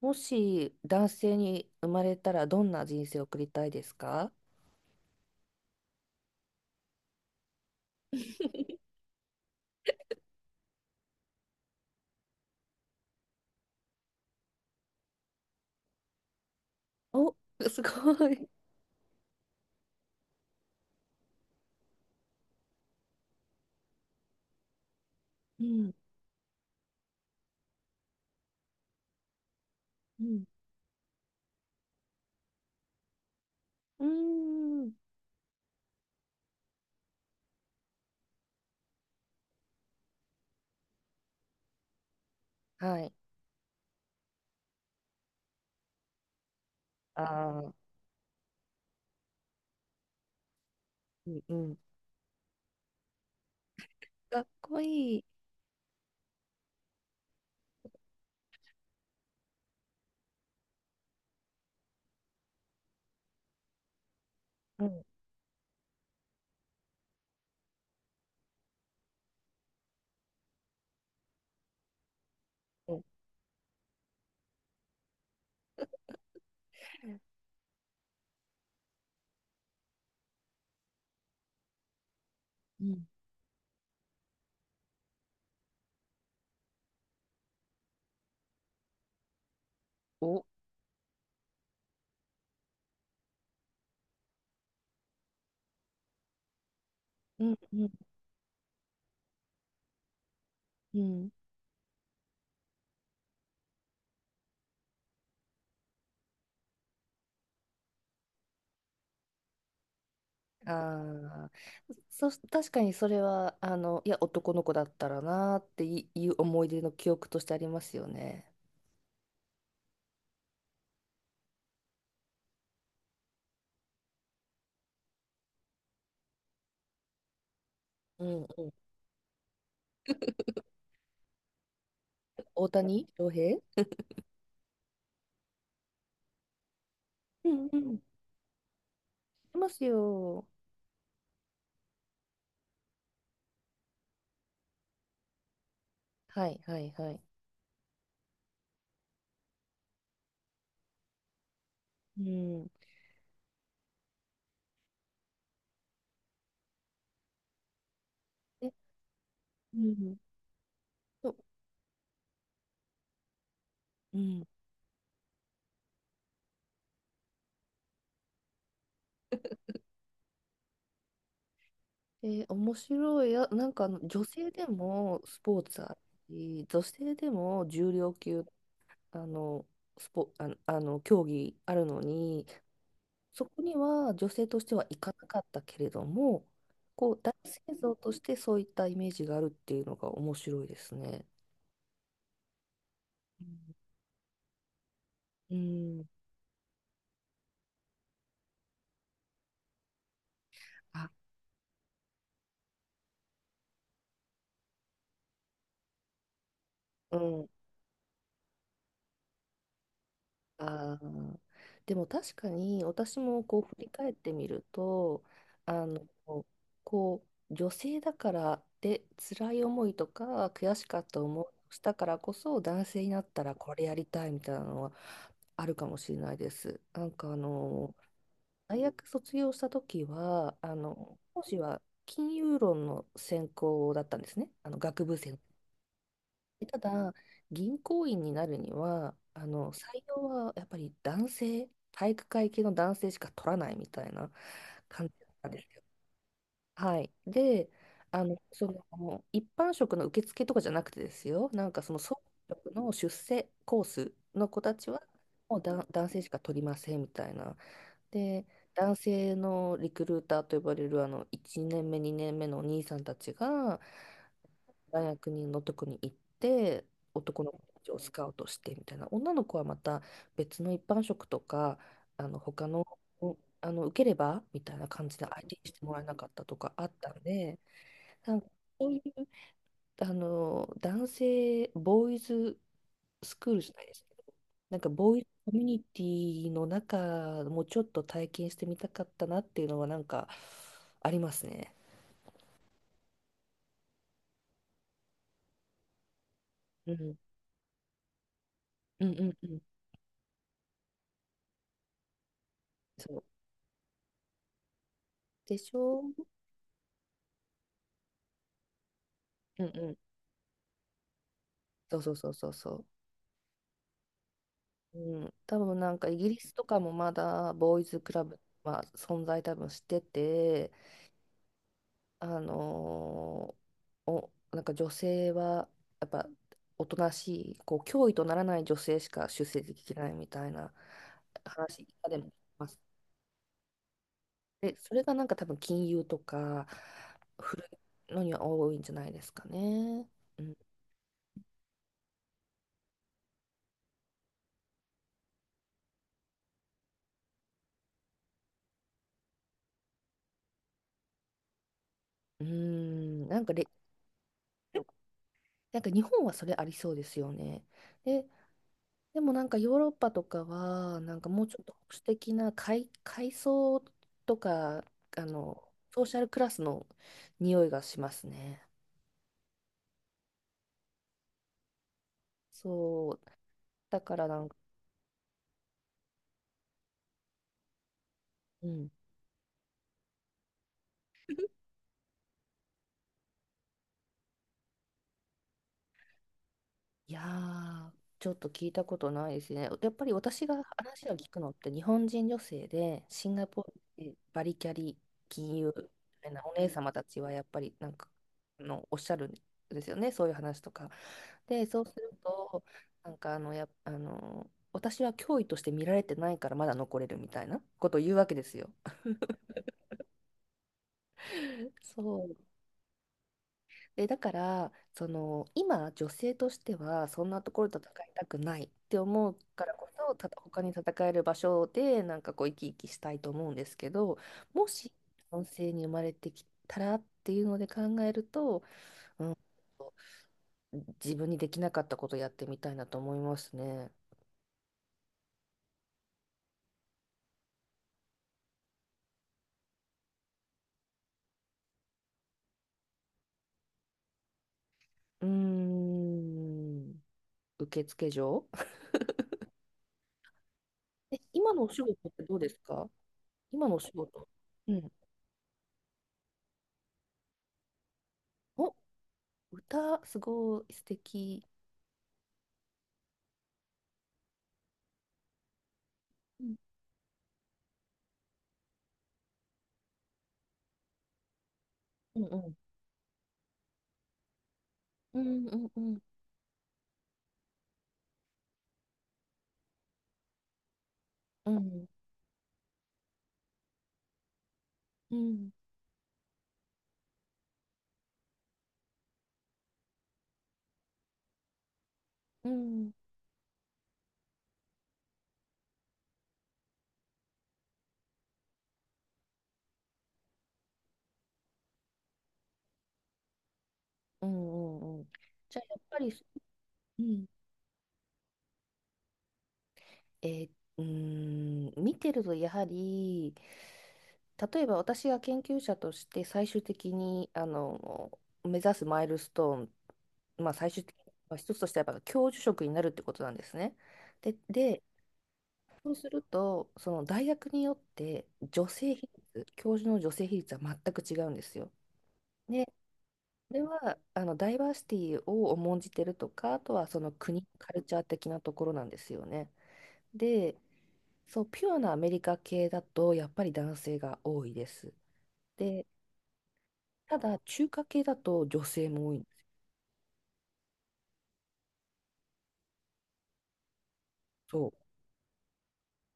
もし男性に生まれたらどんな人生を送りたいですか？ お、すごい。うん、うん、うーん。はい。ああ、うん、うん。かっこいい。うん、うん、うん。お、うん、うん、うん。ああ、確かにそれは、あの、いや、男の子だったらなーっていいう思い出の記憶としてありますよね。うん、うん。大谷翔平。うん、うん。いますよ。はい、はい、はい。うん。うん。そう、うん。で、面白いや、なんかあの女性でもスポーツあるし、女性でも重量級、あの、あの競技あるのに、そこには女性としては行かなかったけれども、こう、男性像としてそういったイメージがあるっていうのが面白いですね。うん。うん。あ、うん。あーでも確かに私もこう振り返ってみると、あの、こう、女性だからで辛い思いとか悔しかった思いをしたからこそ男性になったらこれやりたいみたいなのはあるかもしれないです。なんかあの大学卒業した時はあの講師は金融論の専攻だったんですね、あの、学部生。ただ、銀行員になるには、あの、採用はやっぱり男性、体育会系の男性しか取らないみたいな感じなんですよ。はい。で、あの、その、一般職の受付とかじゃなくてですよ、なんかその総合職の出世コースの子たちは、もう男性しか取りませんみたいな。で、男性のリクルーターと呼ばれる、あの、1年目、2年目のお兄さんたちが、大学にのとこに行って男の子たちをスカウトして、みたいな。女の子はまた別の一般職とか、あの、他の、あの、受ければみたいな感じで相手にしてもらえなかったとかあったんで、なんかそういう、あの、男性ボーイズスクールじゃないですけど、なんかボーイズコミュニティの中もちょっと体験してみたかったなっていうのはなんかありますね。うん、うん、うん、うん、そうでしょ、うん、うん、そうそうそうそうそう。うん、多分なんかイギリスとかもまだボーイズクラブは存在多分してて、あのーお、なんか女性はやっぱおとなしい、こう脅威とならない女性しか出席できないみたいな話でも聞きます。で、それがなんか多分金融とか古いのには多いんじゃないですかね。うん、うん。なんかれ、なんか日本はそれありそうですよね。で、でもなんかヨーロッパとかは、なんかもうちょっと保守的な階層とか、あの、ソーシャルクラスの匂いがしますね。そう。だからなんか、うん。いやー、ちょっと聞いたことないですね。やっぱり私が話を聞くのって日本人女性でシンガポールでバリキャリ金融みたいなお姉様たちはやっぱりなんか、あの、おっしゃるんですよね、そういう話とか。で、そうすると、なんか、あの、や、あの、私は脅威として見られてないからまだ残れるみたいなことを言うわけですよ。そう。で、だから、その、今、女性としては、そんなところと戦いたくないって思うからこそ、他に戦える場所で、なんかこう、生き生きしたいと思うんですけど、もし、男性に生まれてきたらっていうので考えると、うん、自分にできなかったことやってみたいなと思いますね。うーん、受付嬢。今のお仕事ってどうですか？今のお仕事。うん。お、歌、すごい素敵。うん、うん、うん、うん、うん、うん、うん、うん、うん、うん。じゃあやっぱり、うん、えーうーん、見てるとやはり、例えば私が研究者として最終的にあの目指すマイルストーン、まあ、最終的に、まあ、一つとしてはやっぱ教授職になるってことなんですね。で、そうするとその大学によって女性比率、教授の女性比率は全く違うんですよ。で、それはあのダイバーシティを重んじてるとか、あとはその国、カルチャー的なところなんですよね。で、そう、ピュアなアメリカ系だとやっぱり男性が多いです。で、ただ中華系だと女性も多いんですよ。そ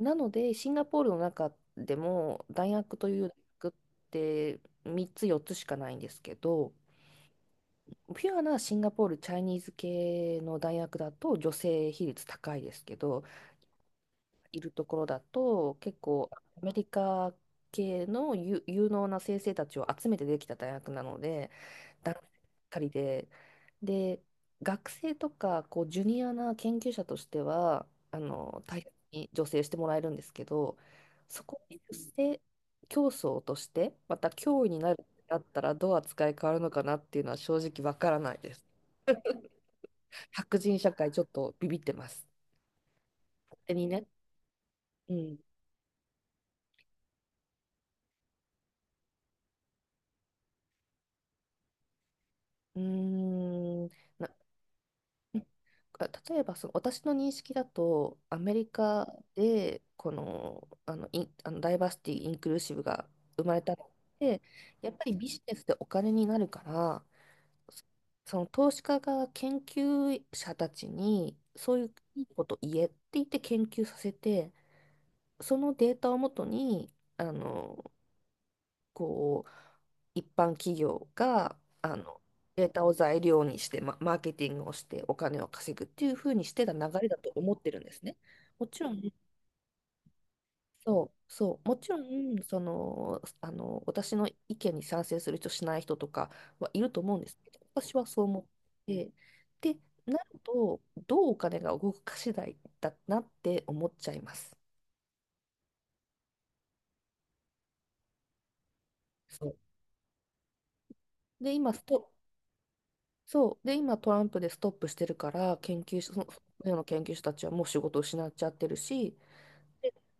う。なので、シンガポールの中でも大学という大学って3つ4つしかないんですけど、ピュアなシンガポールチャイニーズ系の大学だと女性比率高いですけど、いるところだと結構アメリカ系の有能な先生たちを集めてできた大学なので男性ばっかりで、で、学生とかこうジュニアな研究者としてはあの大切に助成してもらえるんですけど、そこに出世競争としてまた脅威になるってなったらどう扱い変わるのかなっていうのは正直わからないです。白人社会ちょっとビビってます。勝手にね。うん。うーん。なえあ例えばその私の認識だとアメリカでこの、あの、ダイバーシティ・インクルーシブが生まれたのって、やっぱりビジネスでお金になるから、その投資家が研究者たちにそういういいこと言えって言って研究させて、そのデータをもとに、あの、こう、一般企業があのデータを材料にして、マーケティングをしてお金を稼ぐっていうふうにしてた流れだと思ってるんですね。もちろん、そうそう、もちろんその、あの、私の意見に賛成する人、しない人とかはいると思うんですけど、私はそう思って、で、なると、どうお金が動くか次第だなって思っちゃいます。そう。で、今スト、そう。で、今トランプでストップしてるから、研究者、そのような研究者たちはもう仕事を失っちゃってるし、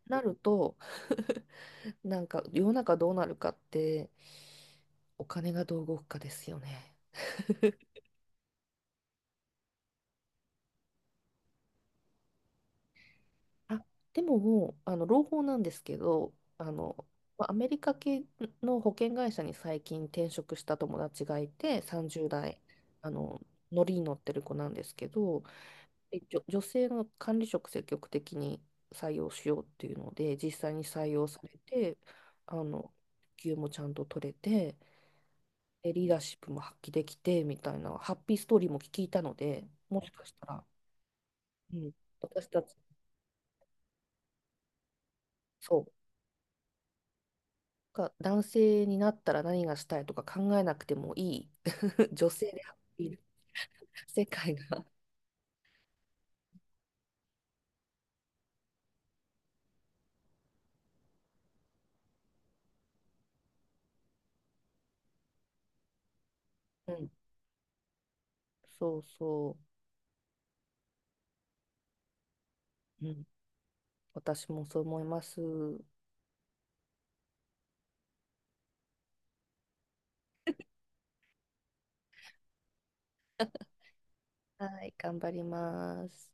なると、なんか世の中どうなるかって、お金がどう動くかですよね。あ、でももう、あの、朗報なんですけど、あの、まあアメリカ系の保険会社に最近転職した友達がいて、30代、あの、乗りに乗ってる子なんですけど、女性の管理職積極的に採用しようっていうので、実際に採用されて、あの、給もちゃんと取れて、でリーダーシップも発揮できてみたいなハッピーストーリーも聞いたので、もしかしたら、うん、私たち、そう、が男性になったら何がしたいとか考えなくてもいい 女性でハッピーな世界が、うん、そうそう、うん、私もそう思います。はい、頑張ります。